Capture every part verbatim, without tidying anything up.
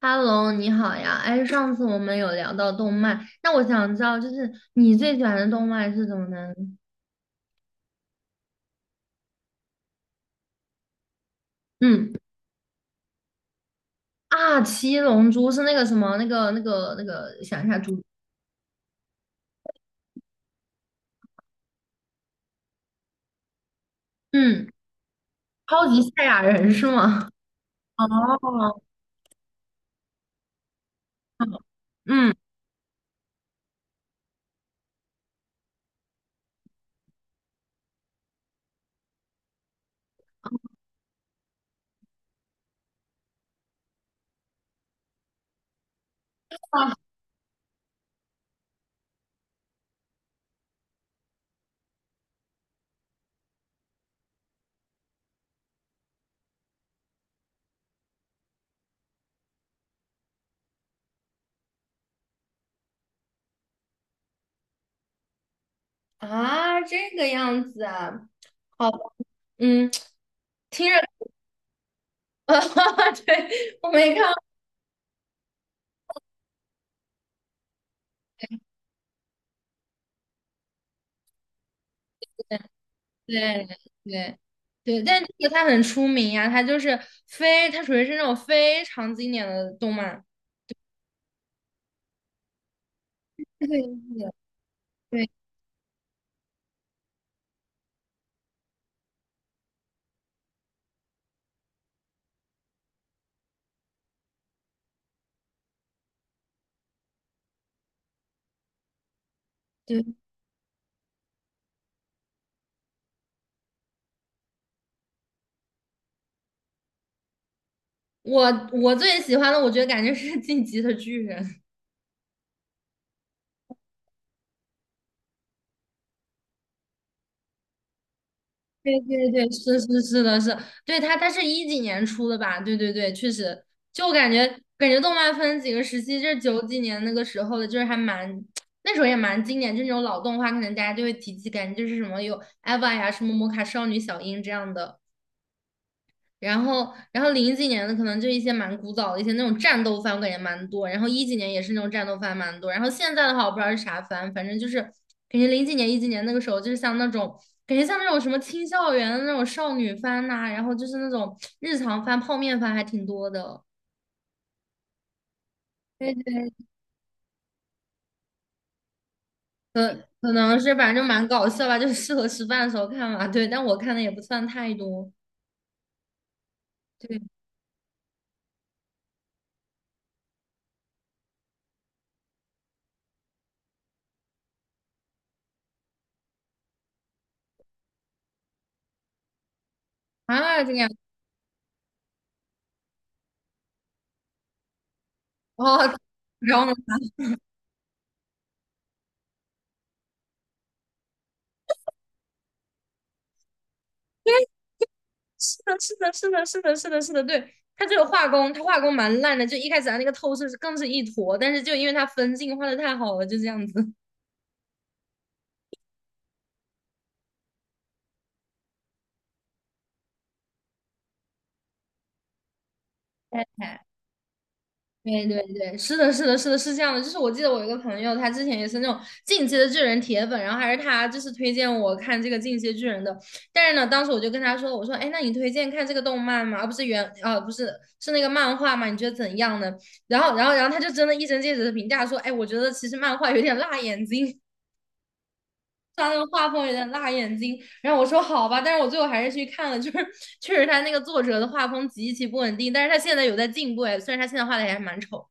哈喽，你好呀！哎，上次我们有聊到动漫，那我想知道，就是你最喜欢的动漫是什么呢？嗯，啊，七龙珠是那个什么，那个那个那个，想一下猪，嗯，超级赛亚人是吗？哦 嗯，啊，这个样子啊，好吧嗯，听着，对，我没看过，对对对，但这个它很出名呀，它就是非，它属于是那种非常经典的动漫。对对对，我我最喜欢的，我觉得感觉是《进击的巨人》对对对，是是是的是，对他他是一几年出的吧？对对对，确实，就感觉感觉动漫分几个时期，就是九几年那个时候的，就是还蛮 那时候也蛮经典，就那种老动画，可能大家就会提起，感觉就是什么有 E V A 呀、什么魔卡少女小樱这样的。然后，然后零几年的可能就一些蛮古早的一些那种战斗番，我感觉蛮多。然后一几年也是那种战斗番蛮多。然后现在的话，我不知道是啥番，反正就是感觉零几年、一几年那个时候，就是像那种感觉像那种什么青校园的那种少女番呐、然后就是那种日常番、泡面番还挺多的。对对，可可能是反正就蛮搞笑吧，就是适合吃饭的时候看嘛。对，但我看的也不算太多对，啊，这个样子哦。然后呢？是的，是的，是的，是的，是的，是的，对，他这个画工，他画工蛮烂的，就一开始他那个透视是更是一坨，但是就因为他分镜画的太好了，就这样子。太太对对对，是的，是的，是的，是这样的。就是我记得我有一个朋友，他之前也是那种进击的巨人铁粉，然后还是他就是推荐我看这个进击的巨人的。但是呢，当时我就跟他说，我说，哎，那你推荐看这个动漫吗？而不是原，啊，不是，是那个漫画吗？你觉得怎样呢？然后，然后，然后他就真的一针见血的评价说，哎，我觉得其实漫画有点辣眼睛。他那个画风有点辣眼睛，然后我说好吧，但是我最后还是去看了，就是确实他那个作者的画风极其不稳定，但是他现在有在进步哎，虽然他现在画的也还蛮丑。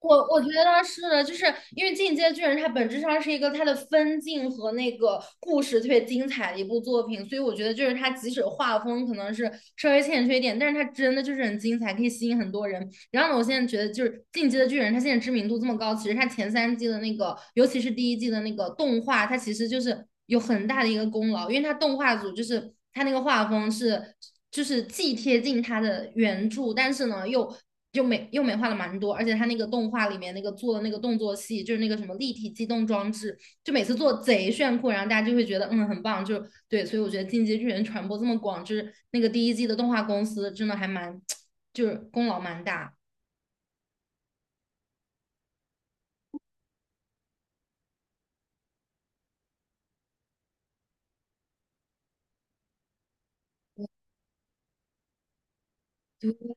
我我觉得是的，就是因为《进阶巨人》它本质上是一个它的分镜和那个故事特别精彩的一部作品，所以我觉得就是它即使画风可能是稍微欠缺一点，但是它真的就是很精彩，可以吸引很多人。然后呢，我现在觉得就是《进击的巨人》，它现在知名度这么高，其实它前三季的那个，尤其是第一季的那个动画，它其实就是有很大的一个功劳，因为它动画组就是它那个画风是就是既贴近它的原著，但是呢又，又美又美化了蛮多，而且他那个动画里面那个做的那个动作戏，就是那个什么立体机动装置，就每次做贼炫酷，然后大家就会觉得嗯很棒，就对，所以我觉得《进击巨人》传播这么广，就是那个第一季的动画公司真的还蛮，就是功劳蛮大。对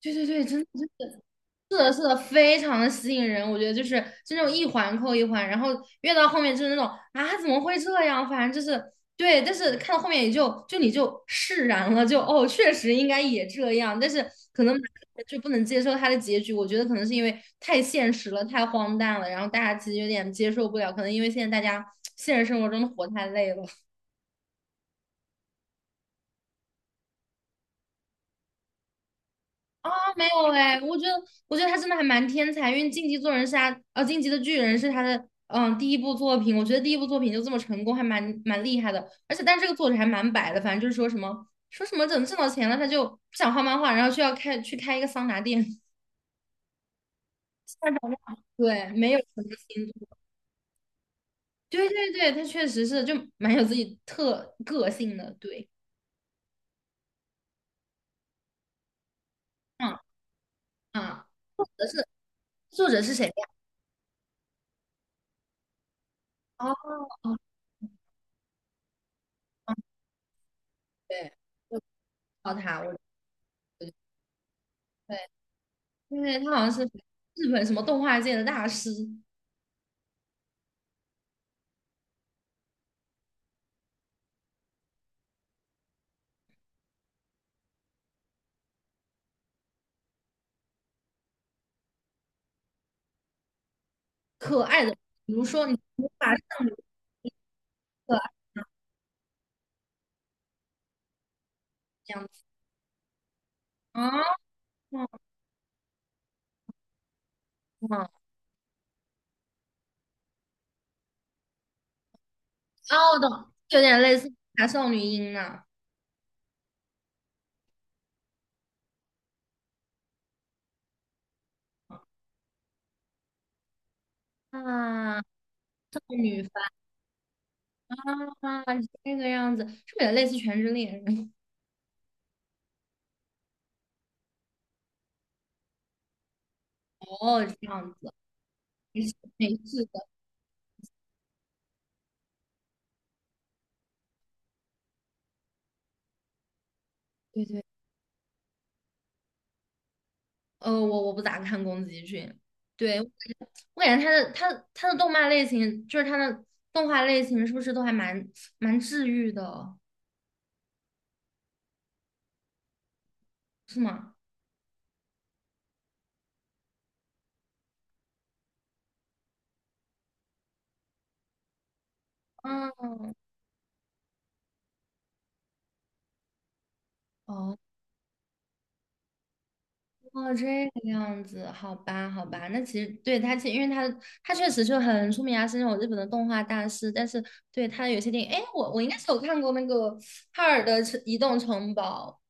对对对，真的真的是的，是的，非常的吸引人。我觉得就是就那种一环扣一环，然后越到后面就是那种啊，怎么会这样？反正就是对，但是看到后面也就就你就释然了，就哦，确实应该也这样。但是可能就不能接受他的结局，我觉得可能是因为太现实了，太荒诞了，然后大家其实有点接受不了。可能因为现在大家现实生活中都活太累了。啊，没有哎，我觉得，我觉得他真的还蛮天才，因为《晋级做人》是他，呃，《晋级的巨人》是他的，嗯，第一部作品。我觉得第一部作品就这么成功，还蛮蛮厉害的。而且，但这个作者还蛮摆的，反正就是说什么说什么等挣到钱了，他就不想画漫画，然后就要开去开一个桑拿店。对，没有什么新作对对对，他确实是就蛮有自己特个性的。对，嗯啊，作者是作者是谁呀？哦哦，哦对，我知道他，我对。因为他好像是日本什么动画界的大师，可爱的，比如说你无法少女可爱这样子啊，哦，哦我懂，有点类似大少女音呢啊，少女番啊，这个样子，是不是也类似《全职猎人》？哦，这样子，没事没事的，对对，呃，我我不咋看宫崎骏，对，我感觉他的他他的动漫类型，就是他的动画类型，是不是都还蛮蛮治愈的，是吗？嗯。哦，哦，这个样子，好吧，好吧，那其实对他，其实因为他他确实就很出名啊，是那种日本的动画大师。但是对他有些电影，哎，我我应该是有看过那个《哈尔的城移动城堡》，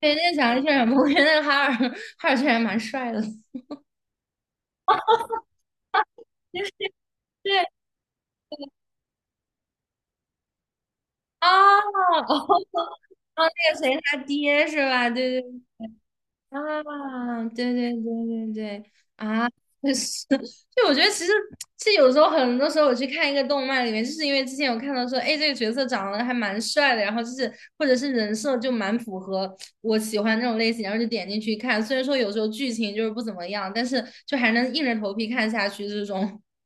对，那个长得确实很不错，那个哈尔 哈尔确实还蛮帅的，就是对啊，哦，哦，那个谁他爹是吧？对对啊，对对对对对，啊，就是，就我觉得其实其实有时候很多时候我去看一个动漫里面，就是因为之前有看到说，哎，这个角色长得还蛮帅的，然后就是或者是人设就蛮符合我喜欢那种类型，然后就点进去看。虽然说有时候剧情就是不怎么样，但是就还能硬着头皮看下去这种。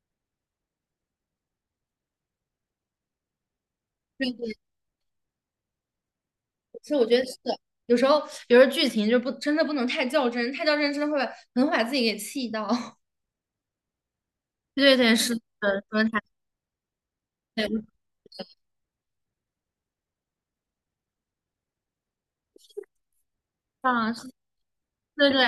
对对，其实我觉得是的有时候有时候剧情就不真的不能太较真，太较真真的会很会把自己给气到。对对，是的，说的太对啊，对对，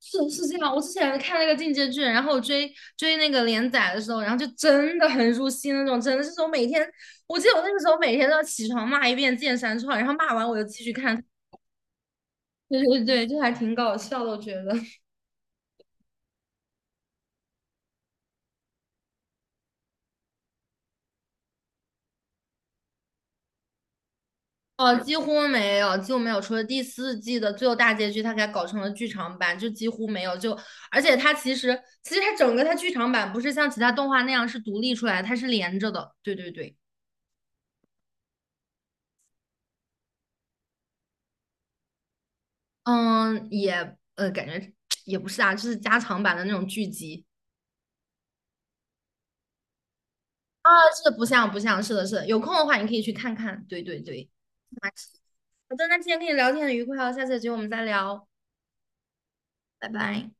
是是这样。我之前看那个《进阶剧，然后我追追那个连载的时候，然后就真的很入戏那种，真的是我每天，我记得我那个时候每天都要起床骂一遍《剑三创》，然后骂完我就继续看。对对对，就还挺搞笑的，我觉得。哦，几乎没有，就没有，除了第四季的最后大结局，它给它搞成了剧场版，就几乎没有。就而且它其实其实它整个它剧场版不是像其他动画那样是独立出来的，它是连着的。对对对。嗯，也呃，感觉也不是啊，就是加长版的那种剧集啊，是不像不像，是的，是的，有空的话你可以去看看，对对对，那是好的，那今天跟你聊天很愉快哦，下次有机会我们再聊，拜拜。